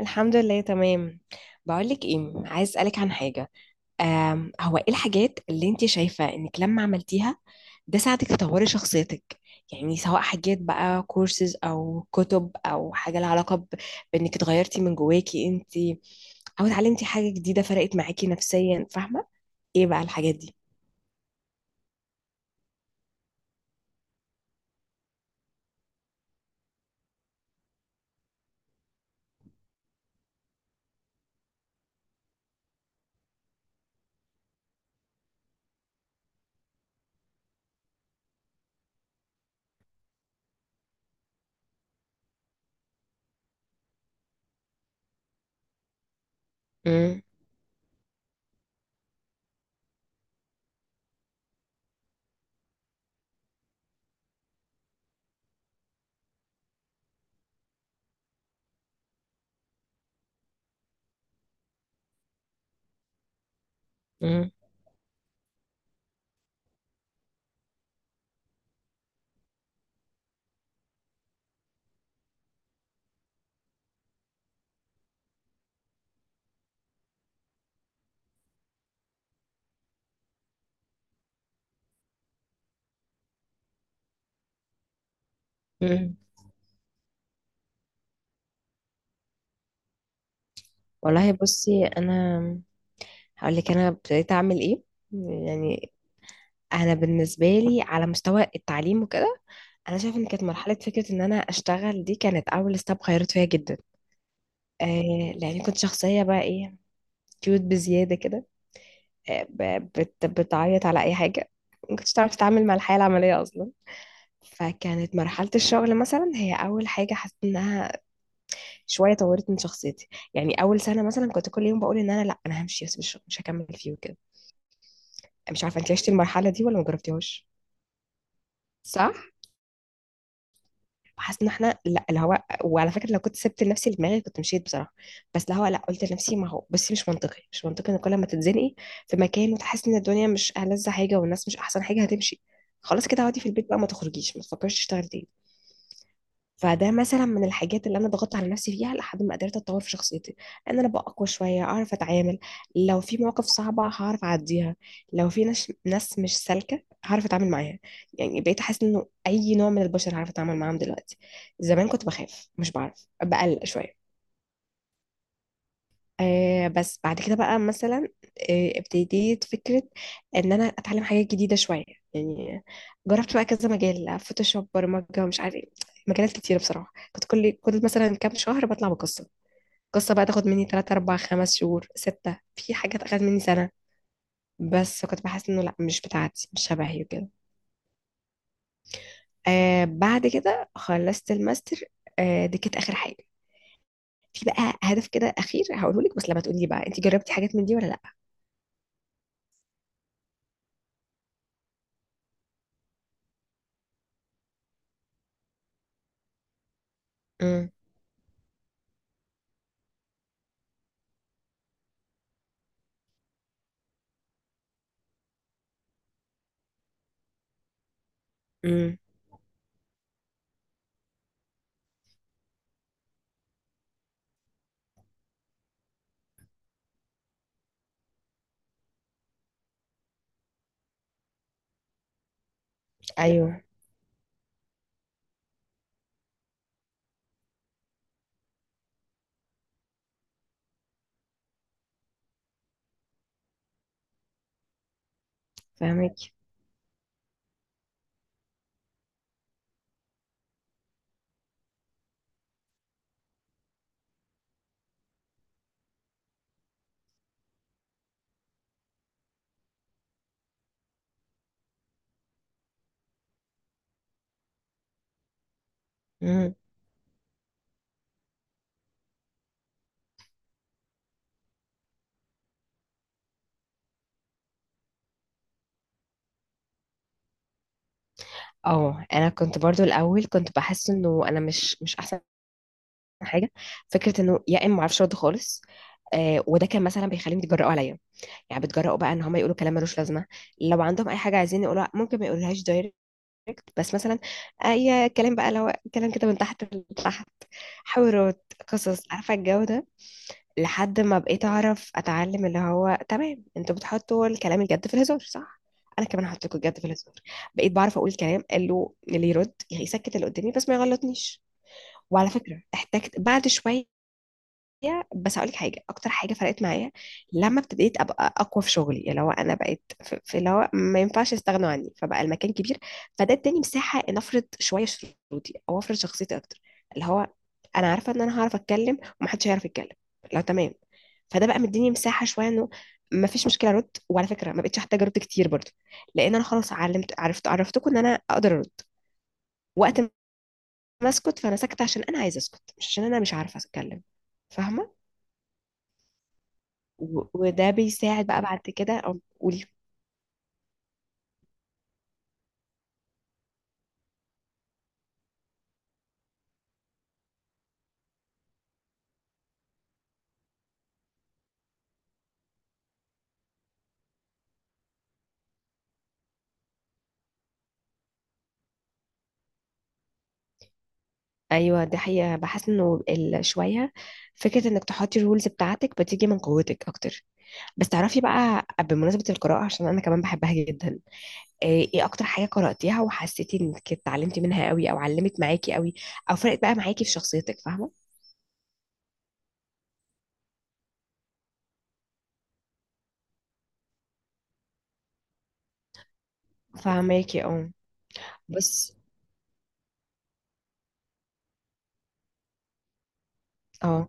الحمد لله تمام. بقولك ايه، عايز اسالك عن حاجه. هو ايه الحاجات اللي انت شايفه انك لما عملتيها ده ساعدك تطوري شخصيتك؟ يعني سواء حاجات بقى كورسز او كتب او حاجه لها علاقه بانك اتغيرتي من جواكي انت، او اتعلمتي حاجه جديده فرقت معاكي نفسيا، فاهمه؟ ايه بقى الحاجات دي؟ مم. مم. مم. والله بصي، انا هقول لك انا ابتديت اعمل ايه. يعني انا بالنسبه لي على مستوى التعليم وكده، انا شايفه ان كانت مرحله فكره ان انا اشتغل دي كانت اول ستاب غيرت فيا جدا. آه، لاني كنت شخصيه بقى ايه، كيوت بزياده كده. آه، ب- بت بتعيط على اي حاجه، ما كنتش تعرف تتعامل مع الحياه العمليه اصلا. فكانت مرحله الشغل مثلا هي اول حاجه حسيت انها شويه طورت من شخصيتي. يعني اول سنه مثلا كنت كل يوم بقول ان انا لا، انا همشي، بس مش هكمل فيه وكده. مش عارفه انت عشتي المرحله دي ولا ما جربتيهاش؟ صح. وحاسه ان احنا لا اللي هو، وعلى فكره لو كنت سبت لنفسي دماغي كنت مشيت بصراحه. بس اللي هو لا، قلت لنفسي ما هو بس مش منطقي، مش منطقي ان كل ما تتزنقي في مكان وتحسي ان الدنيا مش ألذ حاجه والناس مش احسن حاجه هتمشي، خلاص كده اقعدي في البيت بقى، ما تخرجيش، ما تفكريش تشتغلي تاني. فده مثلا من الحاجات اللي انا ضغطت على نفسي فيها لحد ما قدرت اتطور في شخصيتي، ان انا ابقى اقوى شويه، اعرف اتعامل. لو في مواقف صعبه هعرف اعديها، لو في ناس مش سالكه هعرف اتعامل معاها. يعني بقيت احس انه اي نوع من البشر هعرف اتعامل معاهم دلوقتي. زمان كنت بخاف، مش بعرف، بقلق شويه. آه، بس بعد كده بقى مثلا، آه، ابتديت فكرة ان انا اتعلم حاجات جديدة شوية. يعني جربت بقى كذا مجال، فوتوشوب، برمجة، مش عارف ايه، مجالات كتيرة بصراحة. كنت كل مثلا كام شهر بطلع بقصة، قصة بقى تاخد مني 3 4 5 شهور 6، في حاجات اخدت مني سنة. بس كنت بحس انه لا، مش بتاعتي، مش شبهي وكده. آه بعد كده خلصت الماستر، آه دي كانت اخر حاجة. في بقى هدف كده اخير هقوله لك، بس لما تقولي بقى انت جربتي حاجات من دي ولا لا؟ امم امم ايوه، فاهمك. مم. اه انا كنت برضو الاول كنت بحس انه انا مش احسن حاجه. فكره انه يا اما ما اعرفش ارد خالص. آه، وده كان مثلا بيخليهم يتجرأوا عليا، يعني بيتجرأوا بقى ان هم يقولوا كلام ملوش لازمه. لو عندهم اي حاجه عايزين يقولوها ممكن ما يقولوهاش دايركت، بس مثلا اي كلام بقى، لو كلام كده من تحت لتحت، حوارات، قصص، عارفه الجو ده. لحد ما بقيت اعرف اتعلم اللي هو تمام، انتوا بتحطوا الكلام الجد في الهزار، صح، انا كمان هحط لكم الجد في الهزار. بقيت بعرف اقول كلام قال له اللي يرد يسكت، اللي قدامي بس ما يغلطنيش. وعلى فكره احتجت بعد شويه معايا، بس هقول لك حاجه، اكتر حاجه فرقت معايا لما ابتديت ابقى اقوى في شغلي، اللي هو انا بقيت في اللي هو ما ينفعش يستغنوا عني، فبقى المكان كبير. فده اداني مساحه ان افرض شويه شروطي او افرض شخصيتي اكتر. اللي هو انا عارفه ان انا هعرف اتكلم ومحدش هيعرف يتكلم لو تمام. فده بقى مديني مساحه شويه انه ما فيش مشكله ارد، وعلى فكره ما بقتش احتاج ارد كتير برضه، لان انا خلاص علمت عرفت عرفتكم ان انا اقدر ارد وقت ما اسكت. فانا ساكته عشان انا عايزه اسكت، مش عشان انا مش عارفه اتكلم، فاهمه؟ وده بيساعد بقى بعد كده، أو قولي. ايوه دي حقيقة. بحس انه شوية، فكرة انك تحطي الرولز بتاعتك بتيجي من قوتك اكتر. بس تعرفي بقى، بمناسبة القراءة عشان انا كمان بحبها جدا، ايه إيه اكتر حاجة قرأتيها وحسيتي انك اتعلمتي منها قوي، او علمت معاكي قوي، او فرقت بقى معاكي في شخصيتك، فاهمة؟ فاهماكي اه. بس اه،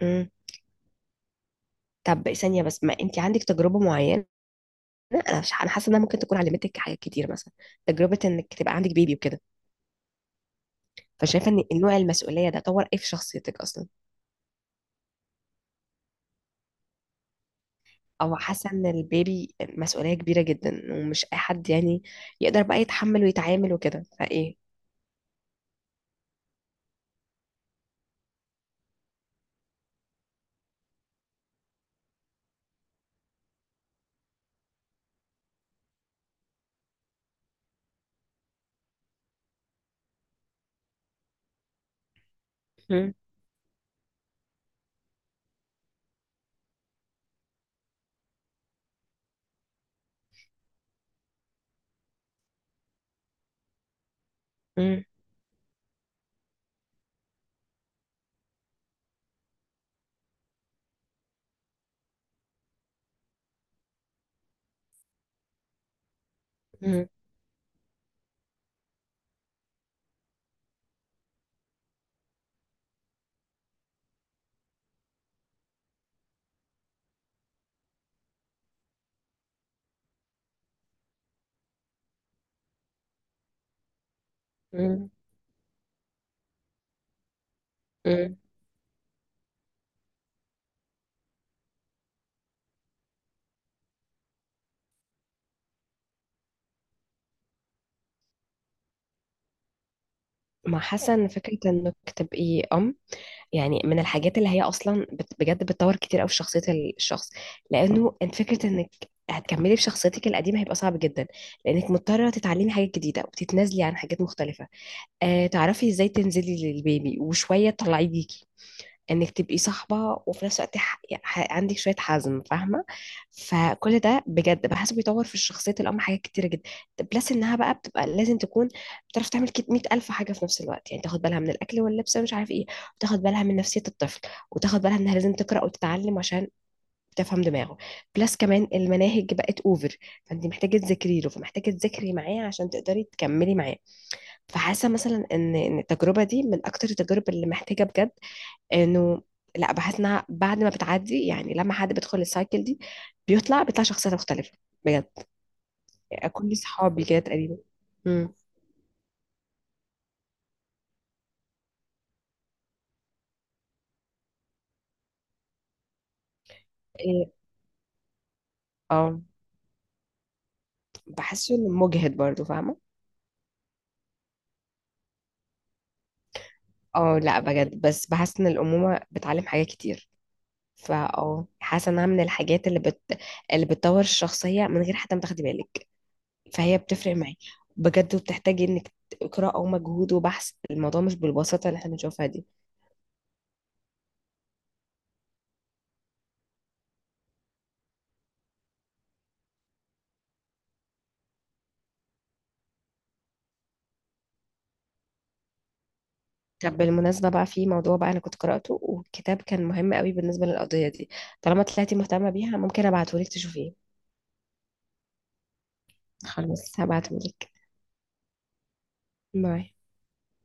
امم طب ثانية بس، ما انت عندك تجربة معينة. انا مش- أنا حاسة انها ممكن تكون علمتك حاجات كتير مثلا، تجربة انك تبقى عندك بيبي وكده. فشايفه ان نوع المسؤوليه ده طور ايه في شخصيتك اصلا؟ او حاسه ان البيبي مسؤوليه كبيره جدا ومش اي حد يعني يقدر بقى يتحمل ويتعامل وكده، فايه؟ مم. مم. مم. مم. مم. ما حاسه ان فكره انك تبقي ام، يعني من الحاجات اللي هي اصلا بجد بتطور كتير قوي في شخصيه الشخص. لانه انت فكره انك هتكملي في شخصيتك القديمه هيبقى صعب جدا، لانك مضطره تتعلمي حاجات جديده وتتنازلي عن حاجات مختلفه. آه، تعرفي ازاي تنزلي للبيبي وشويه تطلعيه بيكي، انك تبقي صاحبه وفي نفس الوقت عندك شويه حزم، فاهمه؟ فكل ده بجد بحسه بيطور في شخصيه الام حاجات كتيره جدا. بلس انها بقى بتبقى لازم تكون بتعرف تعمل 100000 حاجه في نفس الوقت، يعني تاخد بالها من الاكل واللبس ومش عارف ايه، وتاخد بالها من نفسيه الطفل، وتاخد بالها انها لازم تقرا وتتعلم عشان تفهم دماغه. بلس كمان المناهج بقت اوفر، فانت محتاجه تذاكري له، فمحتاجه تذاكري معاه عشان تقدري تكملي معاه. فحاسه مثلا ان التجربه دي من اكتر التجارب اللي محتاجه بجد انه، لا بحس انها بعد ما بتعدي، يعني لما حد بيدخل السايكل دي بيطلع شخصية مختلفة بجد. يعني كل صحابي كده تقريبا. امم إيه، اه بحسه انه مجهد برضو، فاهمة؟ اه لا بجد، بس بحس ان الأمومة بتعلم حاجات كتير. فا اه حاسة انها من الحاجات اللي بتطور الشخصية من غير حتى ما تاخدي بالك. فهي بتفرق معاكي بجد وبتحتاجي انك قراءة ومجهود وبحث. الموضوع مش بالبساطة اللي احنا بنشوفها دي. طب بالمناسبة بقى في موضوع بقى أنا كنت قرأته، وكتاب كان مهم قوي بالنسبة للقضية دي، طالما طلعتي مهتمة بيها ممكن أبعتهولك تشوفيه. خلاص، هبعتهولك. باي.